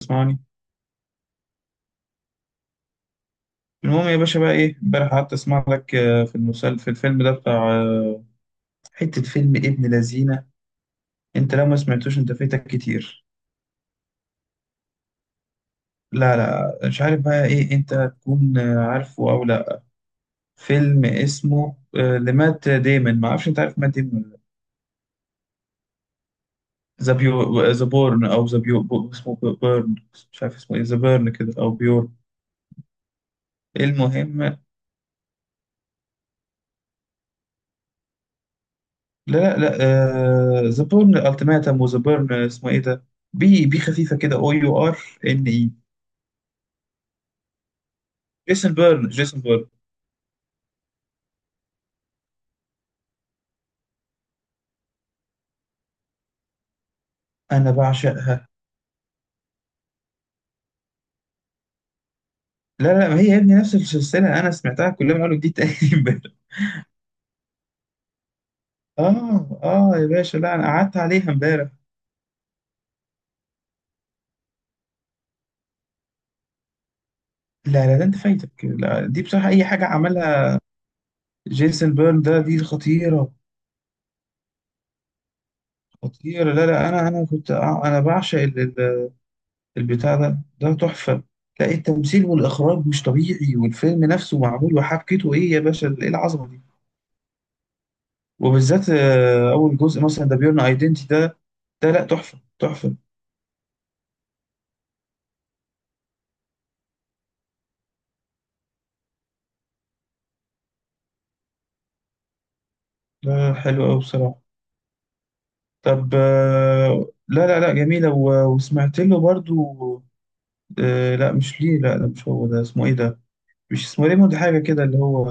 تسمعني؟ المهم يا باشا، بقى ايه؟ امبارح قعدت اسمع لك، في المسلسل، في الفيلم ده بتاع، حتة فيلم ابن لذينة. انت لو ما سمعتوش انت فايتك كتير. لا لا، مش عارف بقى ايه، انت تكون عارفه او لا. فيلم اسمه لمات ديمون، ما اعرفش انت عارف مات ديمون ولا لا. ذا بيو ذا بورن، او ذا بيو اسمه بيرن. مش عارف اسمه ايه، ذا بيرن كده او بيور. المهم لا لا لا، ذا بورن التيماتم، وذا بيرن اسمه ايه ده؟ بي بي خفيفة كده، او يو ار ان اي. جيسون بيرن، جيسون بيرن، انا بعشقها. لا لا، ما هي يا ابني نفس السلسله، انا سمعتها كلها من اول وجديد تاني امبارح. اه اه يا باشا، لا انا قعدت عليها امبارح. لا لا، ده انت فايتك، لا دي بصراحه اي حاجه عملها جيسون بيرن ده دي خطيره. خطيره، لا لا، انا انا كنت انا بعشق البتاع ده، ده تحفه. لا، التمثيل والاخراج مش طبيعي، والفيلم نفسه معمول، وحبكته ايه يا باشا، ايه العظمه دي؟ وبالذات اول جزء مثلا، ده بيرن ايدنتي ده، ده لا تحفه تحفه. لا حلو أوي بصراحة. طب لا لا لا، جميلة، وسمعت له برضو لا مش ليه، لا ده مش هو، ده اسمه ايه ده؟ مش اسمه ريموند حاجة كده اللي هو،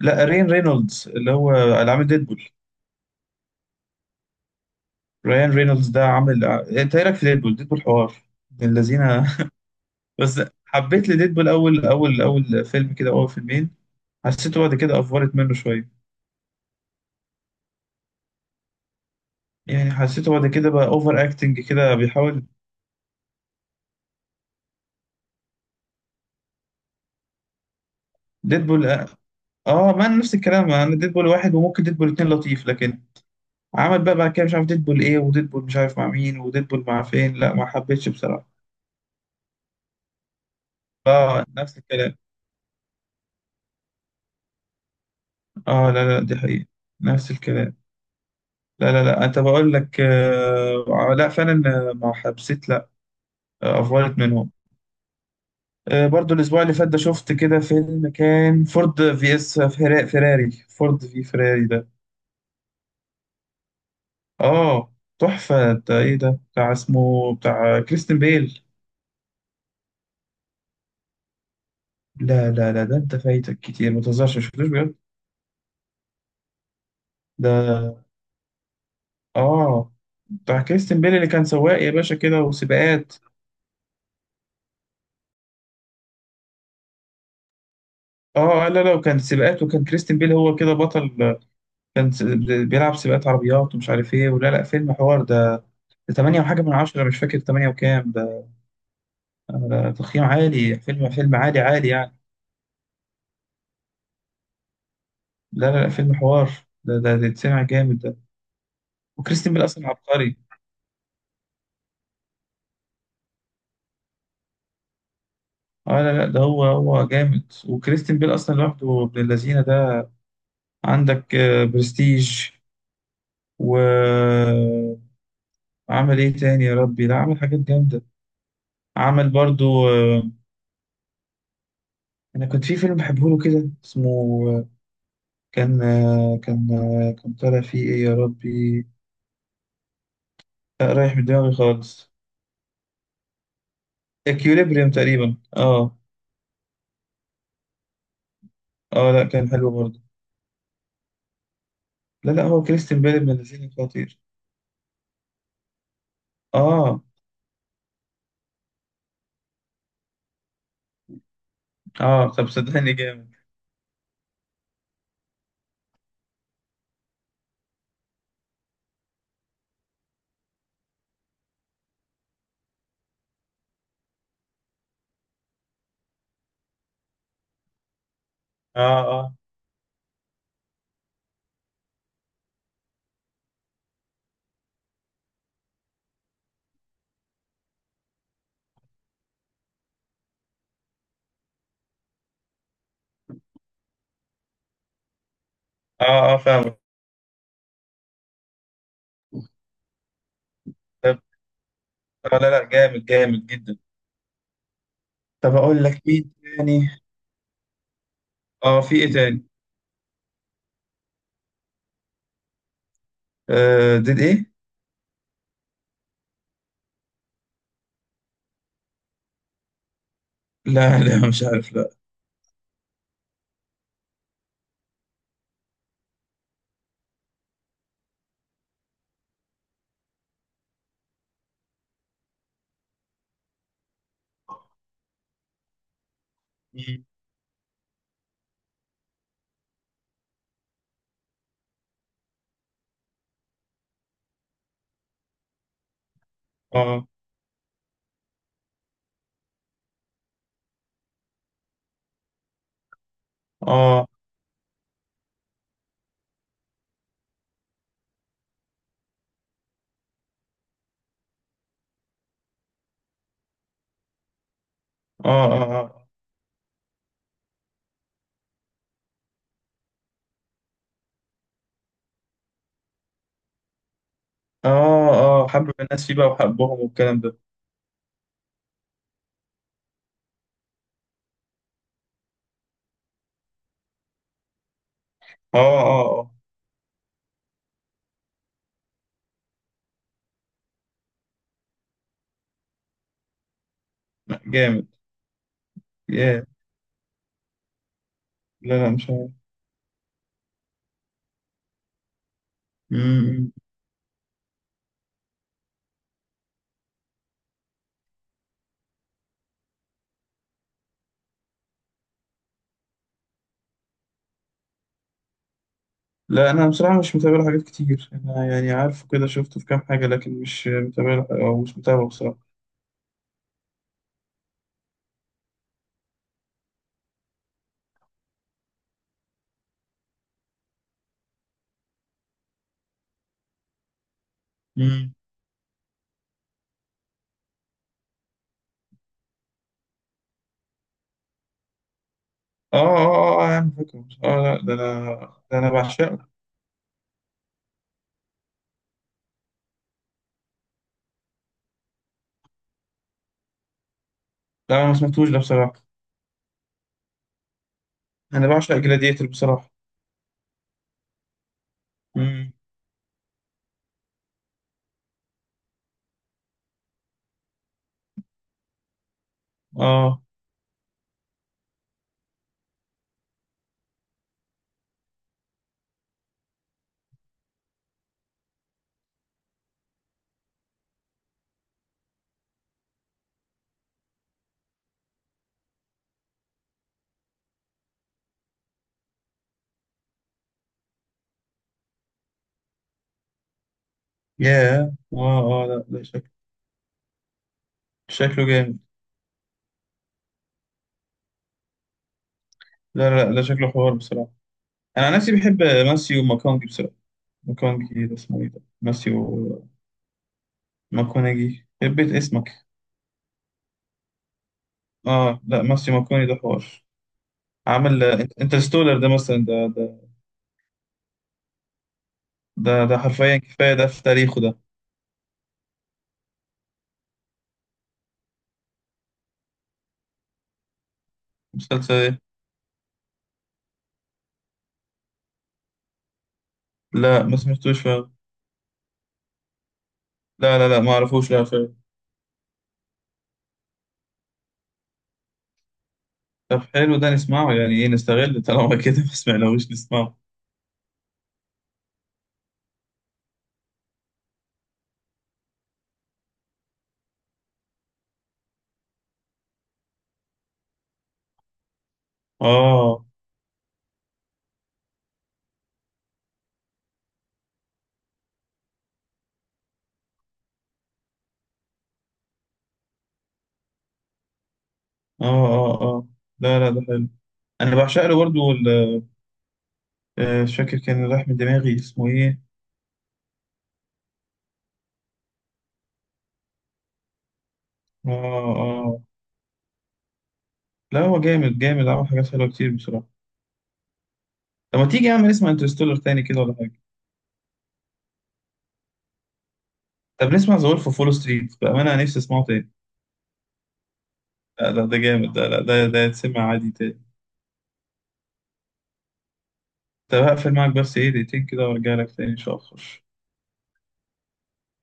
لا رين رينولدز اللي هو اللي عامل ديدبول. ريان رينولدز ده عامل انت ايه رأيك في ديدبول؟ ديدبول حوار من الذين بس حبيت لديدبول اول اول اول فيلم كده، اول فيلمين. حسيته بعد كده افورت منه شوية، يعني حسيته بعد كده بقى اوفر اكتنج كده بيحاول. ديدبول، اه ما انا نفس الكلام، انا ديدبول واحد وممكن ديدبول اتنين لطيف، لكن عمل بقى بعد كده مش عارف ديدبول ايه، وديدبول مش عارف مع مين، وديدبول مع فين، لا ما حبيتش بصراحة. اه نفس الكلام. اه لا لا، دي حقيقة، نفس الكلام. لا لا لا، انت بقول لك آه، لا فعلا، ما حبسيت لا، افضلت منهم. آه برضو الاسبوع اللي فات ده، شفت كده فيلم كان فورد في اس فيراري، فورد في فيراري ده، اه تحفة. ده ايه ده بتاع اسمه، بتاع كريستن بيل. لا لا لا، ده انت فايتك كتير، ما تهزرش، ما شفتوش بجد؟ ده اه، بتاع كريستن بيل، اللي كان سواق يا باشا كده، وسباقات. اه لا لا، وكان سباقات، وكان كريستن بيل هو كده بطل، كان س- بيلعب سباقات عربيات ومش عارف ايه ولا لا. فيلم حوار ده، ده 8 وحاجه من 10، مش فاكر 8 وكام ده، ده تقييم عالي، فيلم فيلم عالي عالي يعني. لا لا لا، فيلم حوار ده، ده ده اتسمع جامد ده. وكريستن بيل اصلا عبقري. اه لا لا، ده هو هو جامد، وكريستن بيل اصلا لوحده ابن اللذينه ده. عندك برستيج، وعمل ايه تاني يا ربي، لا عمل حاجات جامدة. عمل برضو آه، انا كنت في فيلم بحبه له كده اسمه آه، كان كان كان طالع فيه ايه يا ربي؟ لا رايح من دماغي خالص. اكيوليبريم تقريبا، اه. اه لا، كان حلو برضو. لا لا، هو كريستيان بيل من الذين خطير. اه اه، طب صدقني جامد. اه اه اه، اه فاهمك. طب آه لا لا، جامد جامد جدا. طب اقول لك مين تاني؟ اه في ايه تاني؟ آه ديد ايه؟ لا لا، مش عارف لا. مم. اه اه اه. اه اه اه. آه، حب الناس فيه بقى وحبهم والكلام ده. اه اه اه. لا، جامد. ياه. لا لا، مش عارف. مم. لا انا بصراحة مش متابع له حاجات كتير، انا يعني عارفه كده، شفته في كام حاجة، لكن مش متابع له او مش متابعه بصراحة. مم. اه اه اه، يا عم فاكره. اه لا، ده انا ده انا بعشقه. لا انا ما سمعتوش ده بصراحة. انا بعشق جلاديتر بصراحة. مم. اه. ياه اه اه، لا ده شكله، شكله جامد. لا لا لا، شكله حوار بصراحة. أنا عن نفسي بحب ماسيو ماكونجي بصراحة. ماكونجي ده اسمه إيه ده؟ ماسيو ماكونجي بيت اسمك. آه لا، ماسيو ماكوني ده حوار. عمل انترستولر ده مثلا، ده ده ده، ده حرفيا كفاية ده في تاريخه ده. مسلسل إيه؟ لا ما سمعتوش فعلا. لا لا لا، ما أعرفوش، لا فعلا. طب حلو، ده نسمعه يعني، إيه نستغل طالما كده ما سمعناهوش، نسمعه. آه آه آه، آه لا لا، ده حلو، أنا بعشق له برضه. مش فاكر، كان راح من دماغي اسمه إيه. آه آه، لا هو جامد جامد، عمل حاجات حلوة كتير بصراحة. طب ما تيجي يا عم نسمع انترستولر تاني كده ولا حاجة؟ طب نسمع ذا وولف أوف وول ستريت، بأمانة أنا نفسي أسمعه تاني. لا ده ده جامد ده، لا ده ده يتسمع عادي تاني. طب هقفل معاك بس إيه، دقيقتين كده وأرجع لك تاني إن شاء الله.